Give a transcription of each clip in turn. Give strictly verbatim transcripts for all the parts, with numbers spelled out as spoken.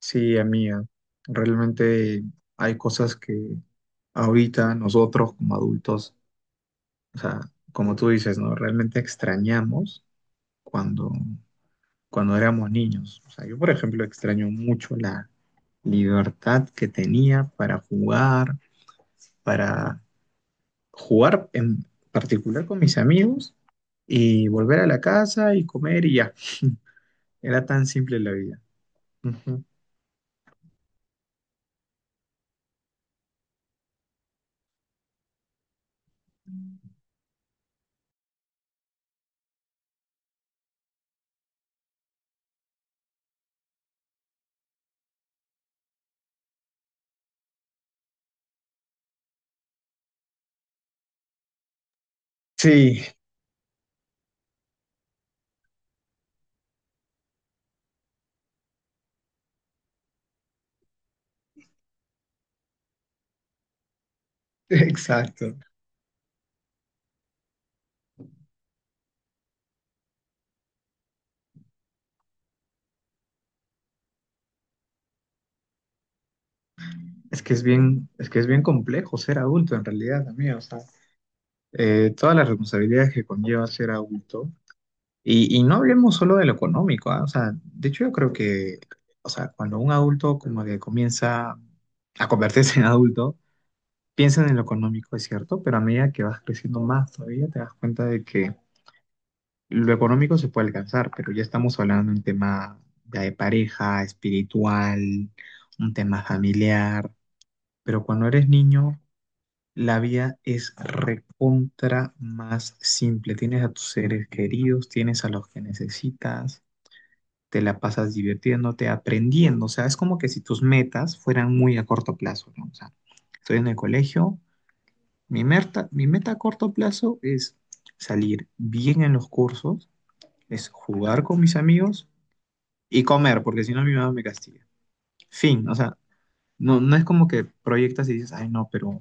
Sí, amiga, realmente hay cosas que ahorita nosotros como adultos, o sea, como tú dices, ¿no? Realmente extrañamos cuando, cuando éramos niños. O sea, yo, por ejemplo, extraño mucho la libertad que tenía para jugar, para jugar en particular con mis amigos y volver a la casa y comer y ya. Era tan simple la vida. Ujú. Sí, exacto. Es que es bien, es que es bien complejo ser adulto en realidad, amigo. O sea, eh, todas las responsabilidades que conlleva ser adulto. Y, y no hablemos solo de lo económico, ¿ah? O sea, de hecho yo creo que, o sea, cuando un adulto como que comienza a convertirse en adulto, piensan en lo económico, es cierto, pero a medida que vas creciendo más todavía te das cuenta de que lo económico se puede alcanzar, pero ya estamos hablando de un tema ya de pareja, espiritual, un tema familiar, pero cuando eres niño la vida es recontra más simple. Tienes a tus seres queridos, tienes a los que necesitas, te la pasas divirtiéndote, aprendiendo. O sea, es como que si tus metas fueran muy a corto plazo, ¿no? O sea, estoy en el colegio, mi meta, mi meta a corto plazo es salir bien en los cursos, es jugar con mis amigos y comer, porque si no mi mamá me castiga. Fin, o sea, no, no es como que proyectas y dices, ay, no, pero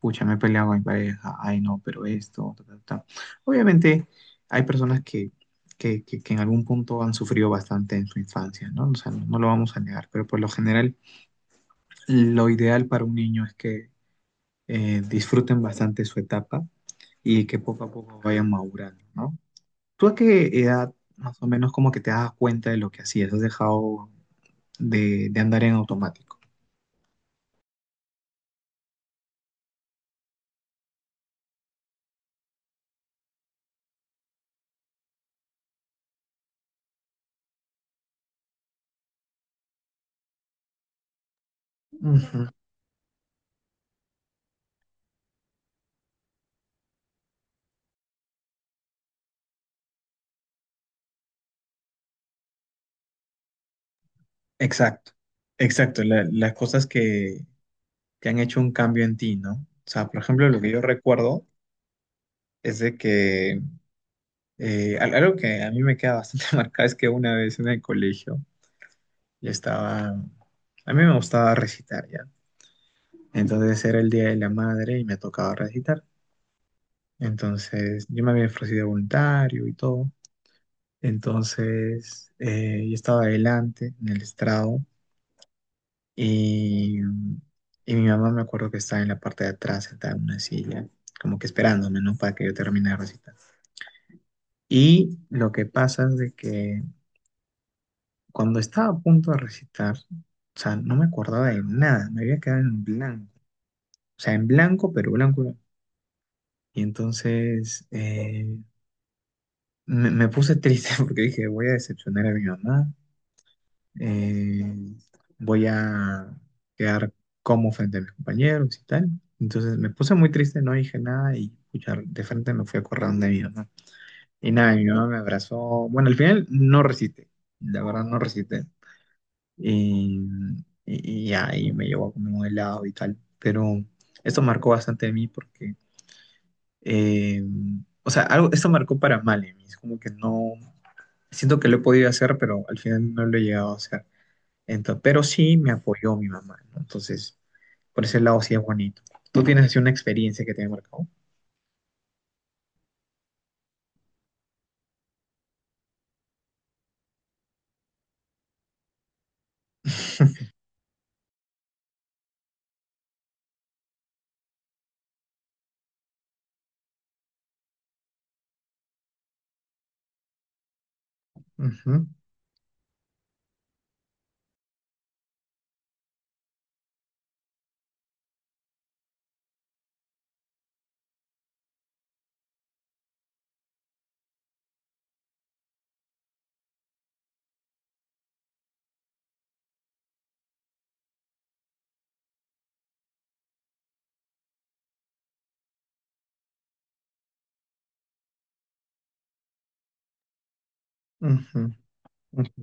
pucha, me he peleado con mi pareja, ay, no, pero esto, ta, ta, ta". Obviamente hay personas que, que, que- que en algún punto han sufrido bastante en su infancia, ¿no? O sea, no, no lo vamos a negar, pero por lo general lo ideal para un niño es que eh, disfruten bastante su etapa y que poco a poco vayan madurando, ¿no? ¿Tú a qué edad más o menos como que te das cuenta de lo que hacías? ¿Has dejado de, de andar en automático? Ujú. Exacto, exacto, la- las cosas que, que han hecho un cambio en ti, ¿no? O sea, por ejemplo, lo que yo recuerdo es de que eh, al- algo que a mí me queda bastante marcado es que una vez en el colegio yo estaba, a mí me gustaba recitar ya, entonces era el Día de la Madre y me tocaba recitar, entonces yo me había ofrecido voluntario y todo, entonces eh, yo estaba adelante en el estrado, Y, y mi mamá me acuerdo que estaba en la parte de atrás, sentada en una silla, como que esperándome, ¿no? Para que yo termine de recitar. Y lo que pasa es de que cuando estaba a punto de recitar, o sea, no me acordaba de nada, me había quedado en blanco. O sea, en blanco, pero blanco. Blanco. Y entonces eh, me, me puse triste porque dije, voy a decepcionar a mi mamá, eh, voy a quedar como frente a mis compañeros y tal. Entonces me puse muy triste, no dije nada y pucha, de frente me fui a correr donde mi mamá. Y nada, mi mamá me abrazó. Bueno, al final no resiste, la verdad no resiste. Y, y, y ahí me llevó a comer un helado y tal. Pero esto marcó bastante de mí porque, eh, o sea, algo, esto marcó para mal en mí. Es como que no, siento que lo he podido hacer, pero al final no lo he llegado a hacer. Entonces, pero sí me apoyó mi mamá, ¿no? Entonces, por ese lado sí es bonito. ¿Tú tienes así una experiencia que te haya marcado? Ujú, ujú, ujú,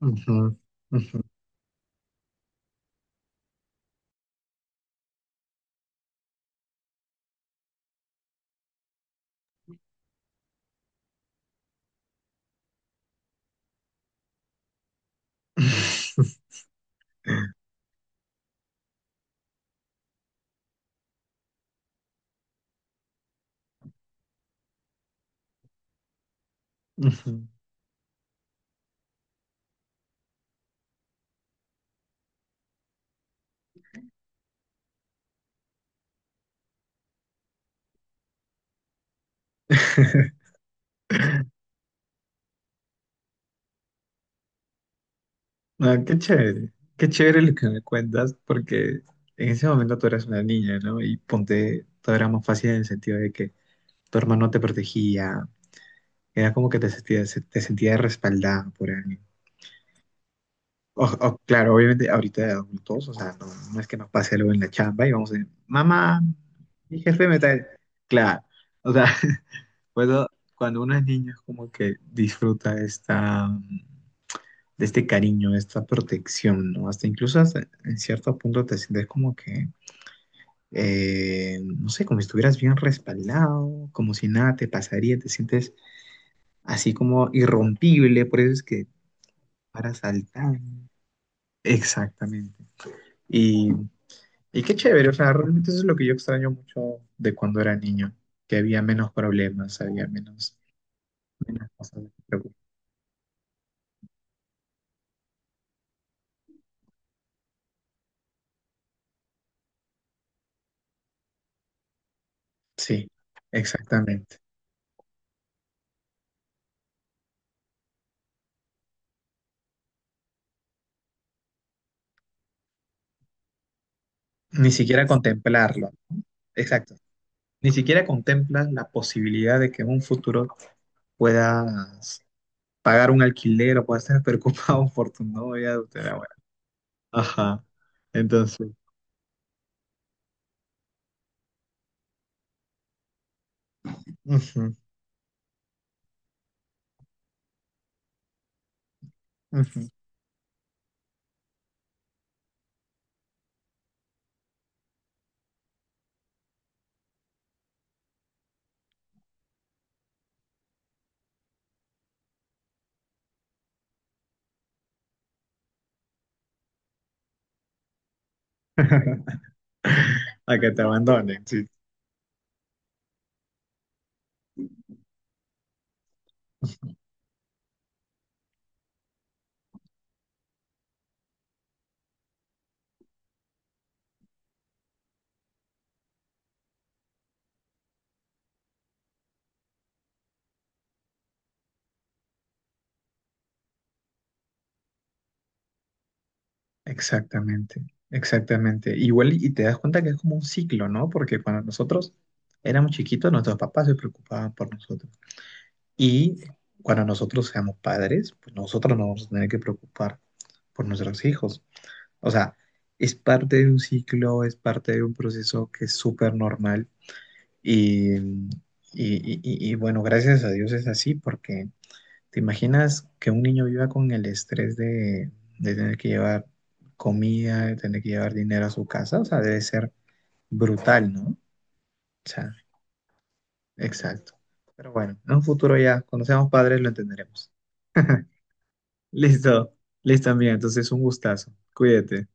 ujú, ujú, ujú. Ah, qué chévere, qué chévere lo que me cuentas, porque en ese momento tú eras una niña, ¿no? Y ponte, todo era más fácil en el sentido de que tu hermano te protegía, era como que te sentías, te sentías respaldada por alguien. O- o- claro, obviamente ahorita de adultos, o sea, no, no es que nos pase algo en la chamba y vamos a decir, mamá, mi jefe me trae. Claro, o sea, cuando, cuando uno es niño es como que disfruta esta, mm, de este cariño, de esta protección, ¿no? Hasta incluso hasta en cierto punto te sientes como que, eh, no sé, como si estuvieras bien respaldado, como si nada te pasaría, te sientes así como irrompible, por eso es que paras saltando. Exactamente. Y y qué chévere, o sea, realmente eso es lo que yo extraño mucho de cuando era niño, que había menos problemas, había menos, menos cosas de que preocupar. Sí, exactamente. Ni siquiera contemplarlo, ¿no? Exacto. Ni siquiera contemplas la posibilidad de que en un futuro puedas pagar un alquiler o puedas estar preocupado por tu novia tu abuela. Ajá. Entonces, ujú, ujú. A que te abandonen. Sí. Exactamente, exactamente. Igual y y te das cuenta que es como un ciclo, ¿no? Porque cuando nosotros éramos chiquitos, nuestros papás se preocupaban por nosotros. Y cuando nosotros seamos padres, pues nosotros nos vamos a tener que preocupar por nuestros hijos. O sea, es parte de un ciclo, es parte de un proceso que es súper normal. Y, y, y, y- y bueno, gracias a Dios es así porque ¿te imaginas que un niño viva con el estrés de, de tener que llevar comida, de tener que llevar dinero a su casa? O sea, debe ser brutal, ¿no? O sea, exacto. Pero bueno, en un futuro ya, cuando seamos padres, lo entenderemos. Listo, listo, amiga. Entonces, un gustazo. Cuídate.